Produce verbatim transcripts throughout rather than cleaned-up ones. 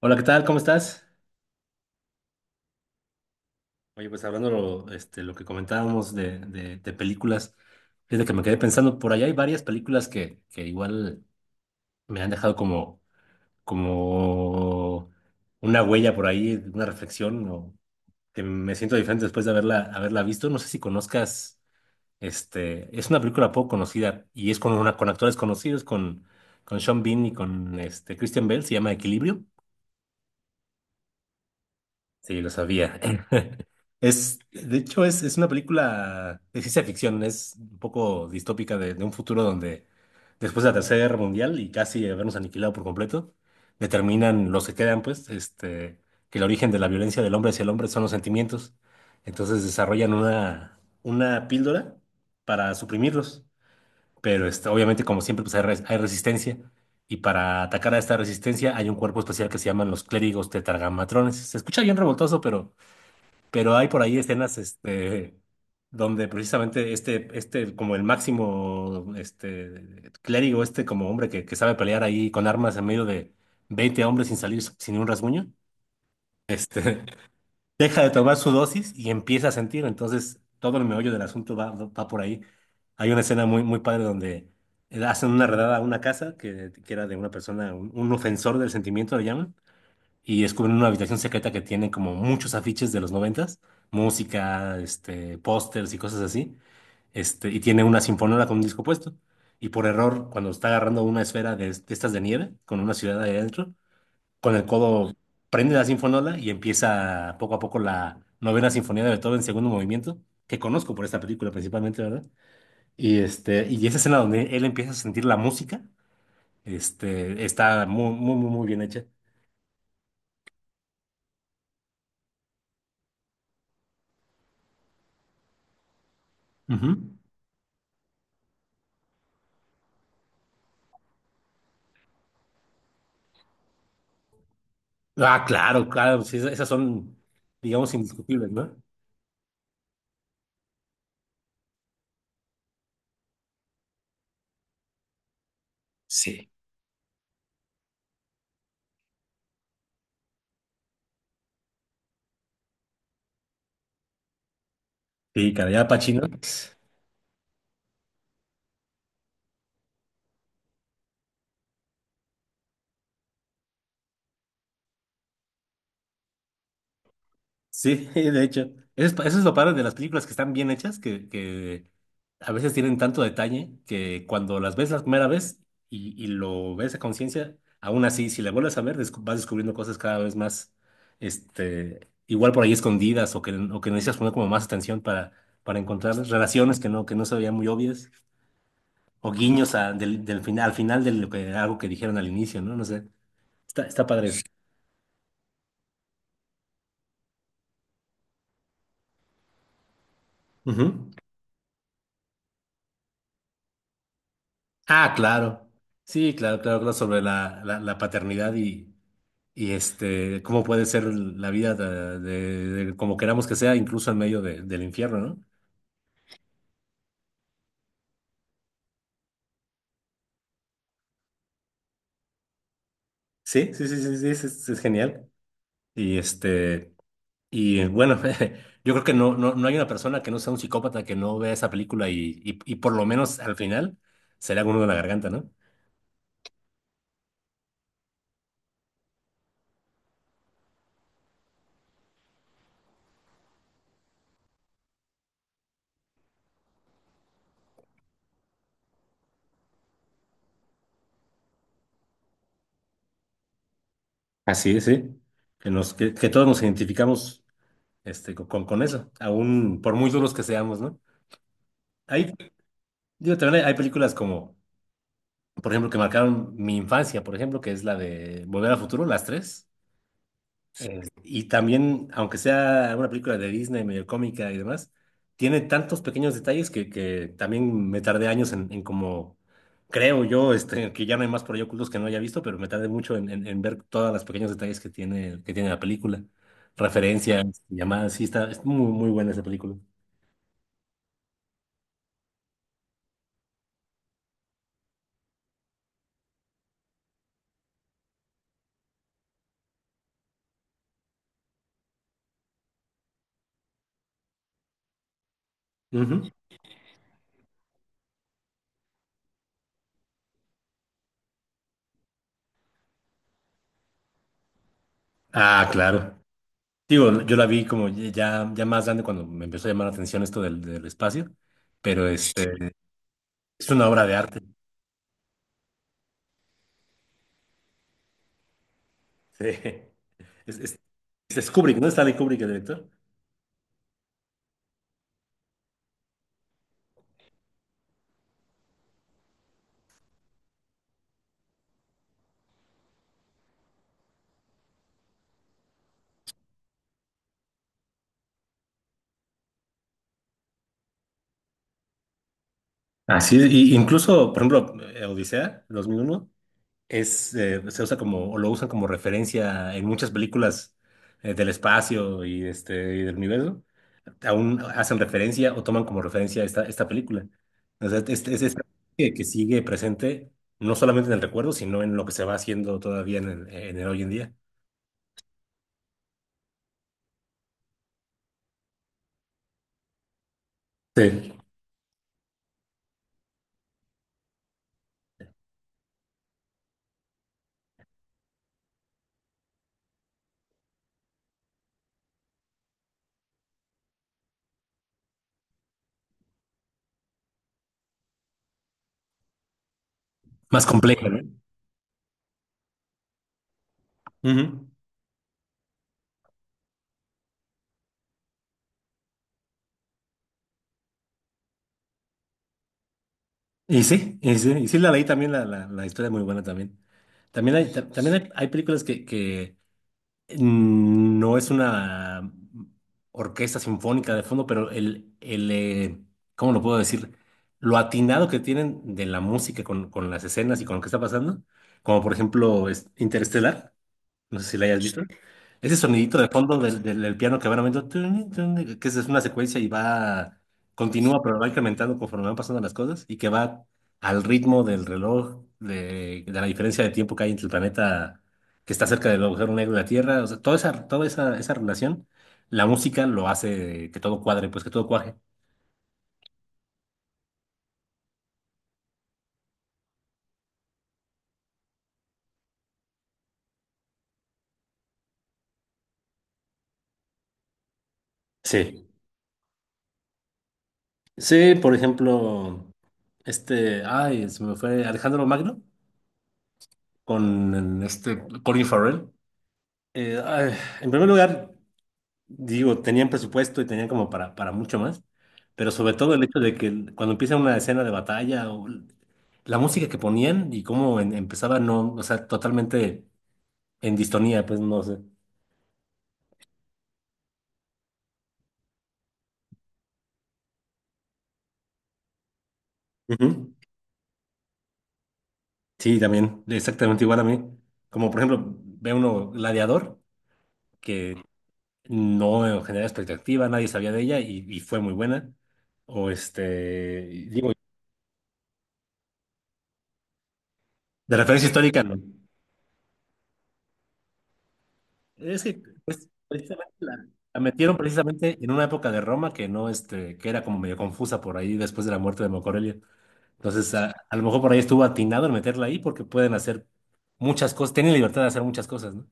Hola, ¿qué tal? ¿Cómo estás? Oye, pues hablando lo, este, lo que comentábamos de, de, de películas, fíjate que me quedé pensando, por allá hay varias películas que, que igual me han dejado como, como una huella por ahí, una reflexión, o que me siento diferente después de haberla, haberla visto. No sé si conozcas, este, es una película poco conocida y es con, una, con actores conocidos, con, con Sean Bean y con este, Christian Bale, se llama Equilibrio. Sí, lo sabía. Es, de hecho, es, es una película de ciencia ficción, es un poco distópica de, de un futuro donde después de la Tercera Guerra Mundial y casi habernos aniquilado por completo, determinan los que quedan, pues, este, que el origen de la violencia del hombre hacia el hombre son los sentimientos. Entonces desarrollan una, una píldora para suprimirlos, pero este, obviamente, como siempre, pues hay, res- hay resistencia. Y para atacar a esta resistencia hay un cuerpo especial que se llaman los clérigos tetragamatrones. Se escucha bien revoltoso, pero... Pero hay por ahí escenas, este, donde precisamente este, este, como el máximo, este, clérigo, este como hombre que, que sabe pelear ahí con armas en medio de veinte hombres sin salir sin un rasguño, este, deja de tomar su dosis y empieza a sentir. Entonces, todo el meollo del asunto va, va por ahí. Hay una escena muy, muy padre donde hacen una redada a una casa que, que era de una persona, un, un ofensor del sentimiento, le llaman y descubren una habitación secreta que tiene como muchos afiches de los noventas, música, este, pósters y cosas así, este, y tiene una sinfonola con un disco puesto. Y por error, cuando está agarrando una esfera de, de estas de nieve, con una ciudad ahí adentro, con el codo prende la sinfonola y empieza poco a poco la novena sinfonía de Beethoven, segundo movimiento, que conozco por esta película principalmente, ¿verdad? Y, este, y esa escena donde él empieza a sentir la música, este, está muy, muy, muy muy bien hecha. Ujú. Ah, claro, claro, sí, esas esas son, digamos, indiscutibles, ¿no? Sí. Sí, cara, ya Pacino. Sí, de hecho. Eso es, eso es lo padre de las películas que están bien hechas, que, que a veces tienen tanto detalle que cuando las ves la primera vez y, y lo ves a conciencia, aún así, si la vuelves a ver, descu- vas descubriendo cosas cada vez más, este, igual por ahí escondidas o que, o que necesitas poner como más atención para, para encontrar relaciones que no, que no se veían muy obvias. O guiños a- del, del final, al final de lo que, algo que dijeron al inicio, ¿no? No sé, está, está padre eso. Ujú. Ah, claro. Sí, claro, claro, claro, sobre la, la, la paternidad y, y este, cómo puede ser la vida de, de- de como queramos que sea, incluso en medio de- del infierno, ¿no? Sí, sí, sí, sí, sí, es, es- es genial. Y este, y bueno, yo creo que no, no, no hay una persona que no sea un psicópata que no vea esa película y, y, y por lo menos al final se le haga uno de la garganta, ¿no? Así es, sí. Que nos, que, que todos nos identificamos este, co- con, con eso, aún por muy duros que seamos, ¿no? Hay, digo, también hay, hay películas como, por ejemplo, que marcaron mi infancia, por ejemplo, que es la de Volver al Futuro, las tres. Eh, y también, aunque sea una película de Disney medio cómica y demás, tiene tantos pequeños detalles que, que también me tardé años en, en como, creo yo, este, que ya no hay más por ahí ocultos que no haya visto, pero me tardé mucho en, en- en ver todos los pequeños detalles que tiene, que tiene la película. Referencias, llamadas, sí, está, es muy, muy buena esa película. Ujú. Ah, claro. Digo, yo la vi como ya, ya más grande cuando me empezó a llamar la atención esto del, del espacio, pero este, es una obra de arte. Sí. Es, es- es Kubrick, ¿no? Stanley Kubrick, el director. Así, y incluso, por ejemplo, eh, Odisea dos mil uno es, eh, se usa como, o lo usan como referencia en muchas películas eh, del espacio y, este, y del universo. Aún hacen referencia o toman como referencia esta, esta película. O sea, es, es- es que, que sigue presente no solamente en el recuerdo, sino en lo que se va haciendo todavía en el, en el hoy en día. Sí. Más complejo, ¿no? Ujú. Y sí, y sí, y sí la leí también, la, la, la historia es muy buena también. También hay, ta- también hay, hay películas que, que mm, no es una orquesta sinfónica de fondo, pero el, el eh, ¿cómo lo puedo decir? Lo atinado que tienen de la música con, con las escenas y con lo que está pasando, como por ejemplo es Interestelar. No sé si la hayas visto. Ese sonidito de fondo del, del, del piano que van aumentando, tun, tun, que es es una secuencia y va, continúa, pero va incrementando conforme van pasando las cosas y que va al ritmo del reloj, de, de la diferencia de tiempo que hay entre el planeta que está cerca del agujero negro de la Tierra. O sea, toda esa, toda esa, esa relación, la música lo hace que todo cuadre, pues que todo cuaje. Sí. Sí, por ejemplo, este, ay, se me fue Alejandro Magno con este Colin Farrell. Eh, ay, en primer lugar, digo, tenían presupuesto y tenían como para, para mucho más, pero sobre todo el hecho de que el- cuando empieza una escena de batalla, o l- la música que ponían y cómo en- empezaba, no, o sea, totalmente en distonía, pues no sé. Ujú. Sí, también, exactamente igual a mí. Como por ejemplo, ve uno Gladiador, que no generaba expectativa, nadie sabía de ella y, y fue muy buena. O este, digo, de referencia histórica, no. Es que pues, precisamente la, la metieron precisamente en una época de Roma que no, este, que era como medio confusa por ahí después de la muerte de Marco Aurelio. Entonces, a, a lo mejor por ahí estuvo atinado en meterla ahí porque pueden hacer muchas cosas, tienen libertad de hacer muchas cosas, ¿no?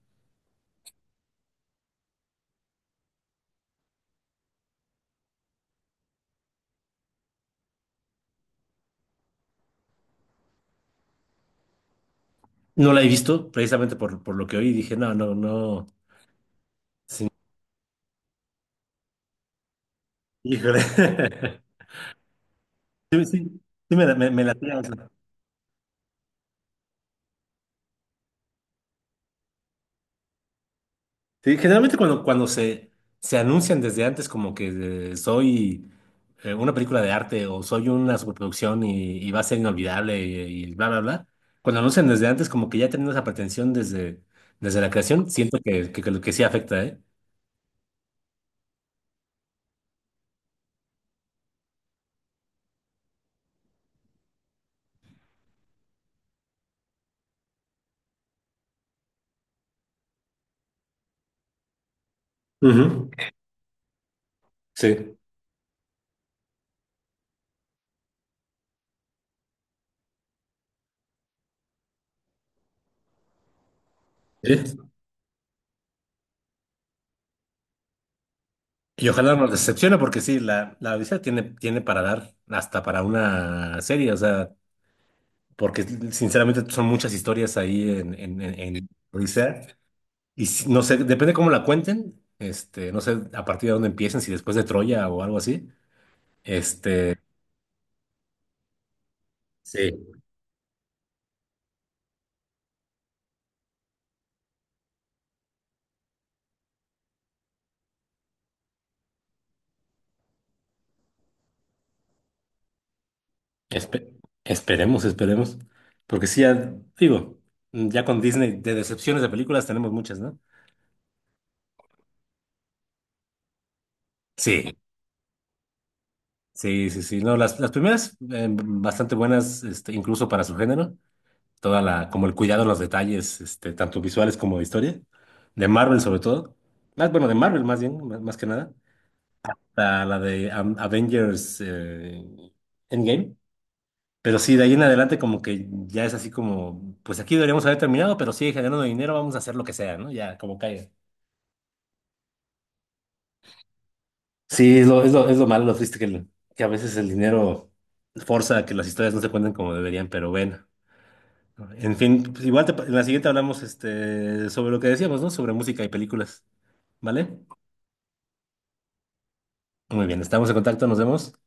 No la he visto precisamente por, por lo que oí, dije, no, no, no. Sí, híjole. Sí, sí, sí me, la- me, me latía, o sea. Sí, generalmente cuando, cuando se, se anuncian desde antes como que eh, soy eh, una película de arte o soy una superproducción y, y va a ser inolvidable y, y bla, bla, bla, cuando anuncian desde antes como que ya tienen esa pretensión desde, desde la creación, siento que, que, que, lo que sí afecta, ¿eh? Ujú. Sí. Sí. Y ojalá no nos decepcione porque sí, la, la Odisea tiene, tiene para dar hasta para una serie, o sea, porque sinceramente son muchas historias ahí en, en, en, en Odisea. Y si- no sé, depende cómo la cuenten, este, no sé a partir de dónde empiecen, si después de Troya o algo así. Este, sí, espe- esperemos, esperemos. Porque sí, ya, digo, ya con Disney de decepciones de películas tenemos muchas, ¿no? Sí, sí, sí, sí. No, las, las primeras eh, bastante buenas, este, incluso para su género. Toda la, como el cuidado en los detalles, este, tanto visuales como de historia. De Marvel sobre todo. Más, bueno, de Marvel más bien, más más que nada. la, la de Am- Avengers eh, Endgame. Pero sí, de ahí en adelante como que ya es así como, pues aquí deberíamos haber terminado, pero sigue generando dinero, vamos a hacer lo que sea, ¿no? Ya, como caiga. Sí, es lo, es lo, es lo malo, lo triste que, el- que a veces el dinero forza a que las historias no se cuenten como deberían, pero bueno. En fin, pues igual te en la siguiente hablamos este, sobre lo que decíamos, ¿no? Sobre música y películas, ¿vale? Muy bien, estamos en contacto, nos vemos.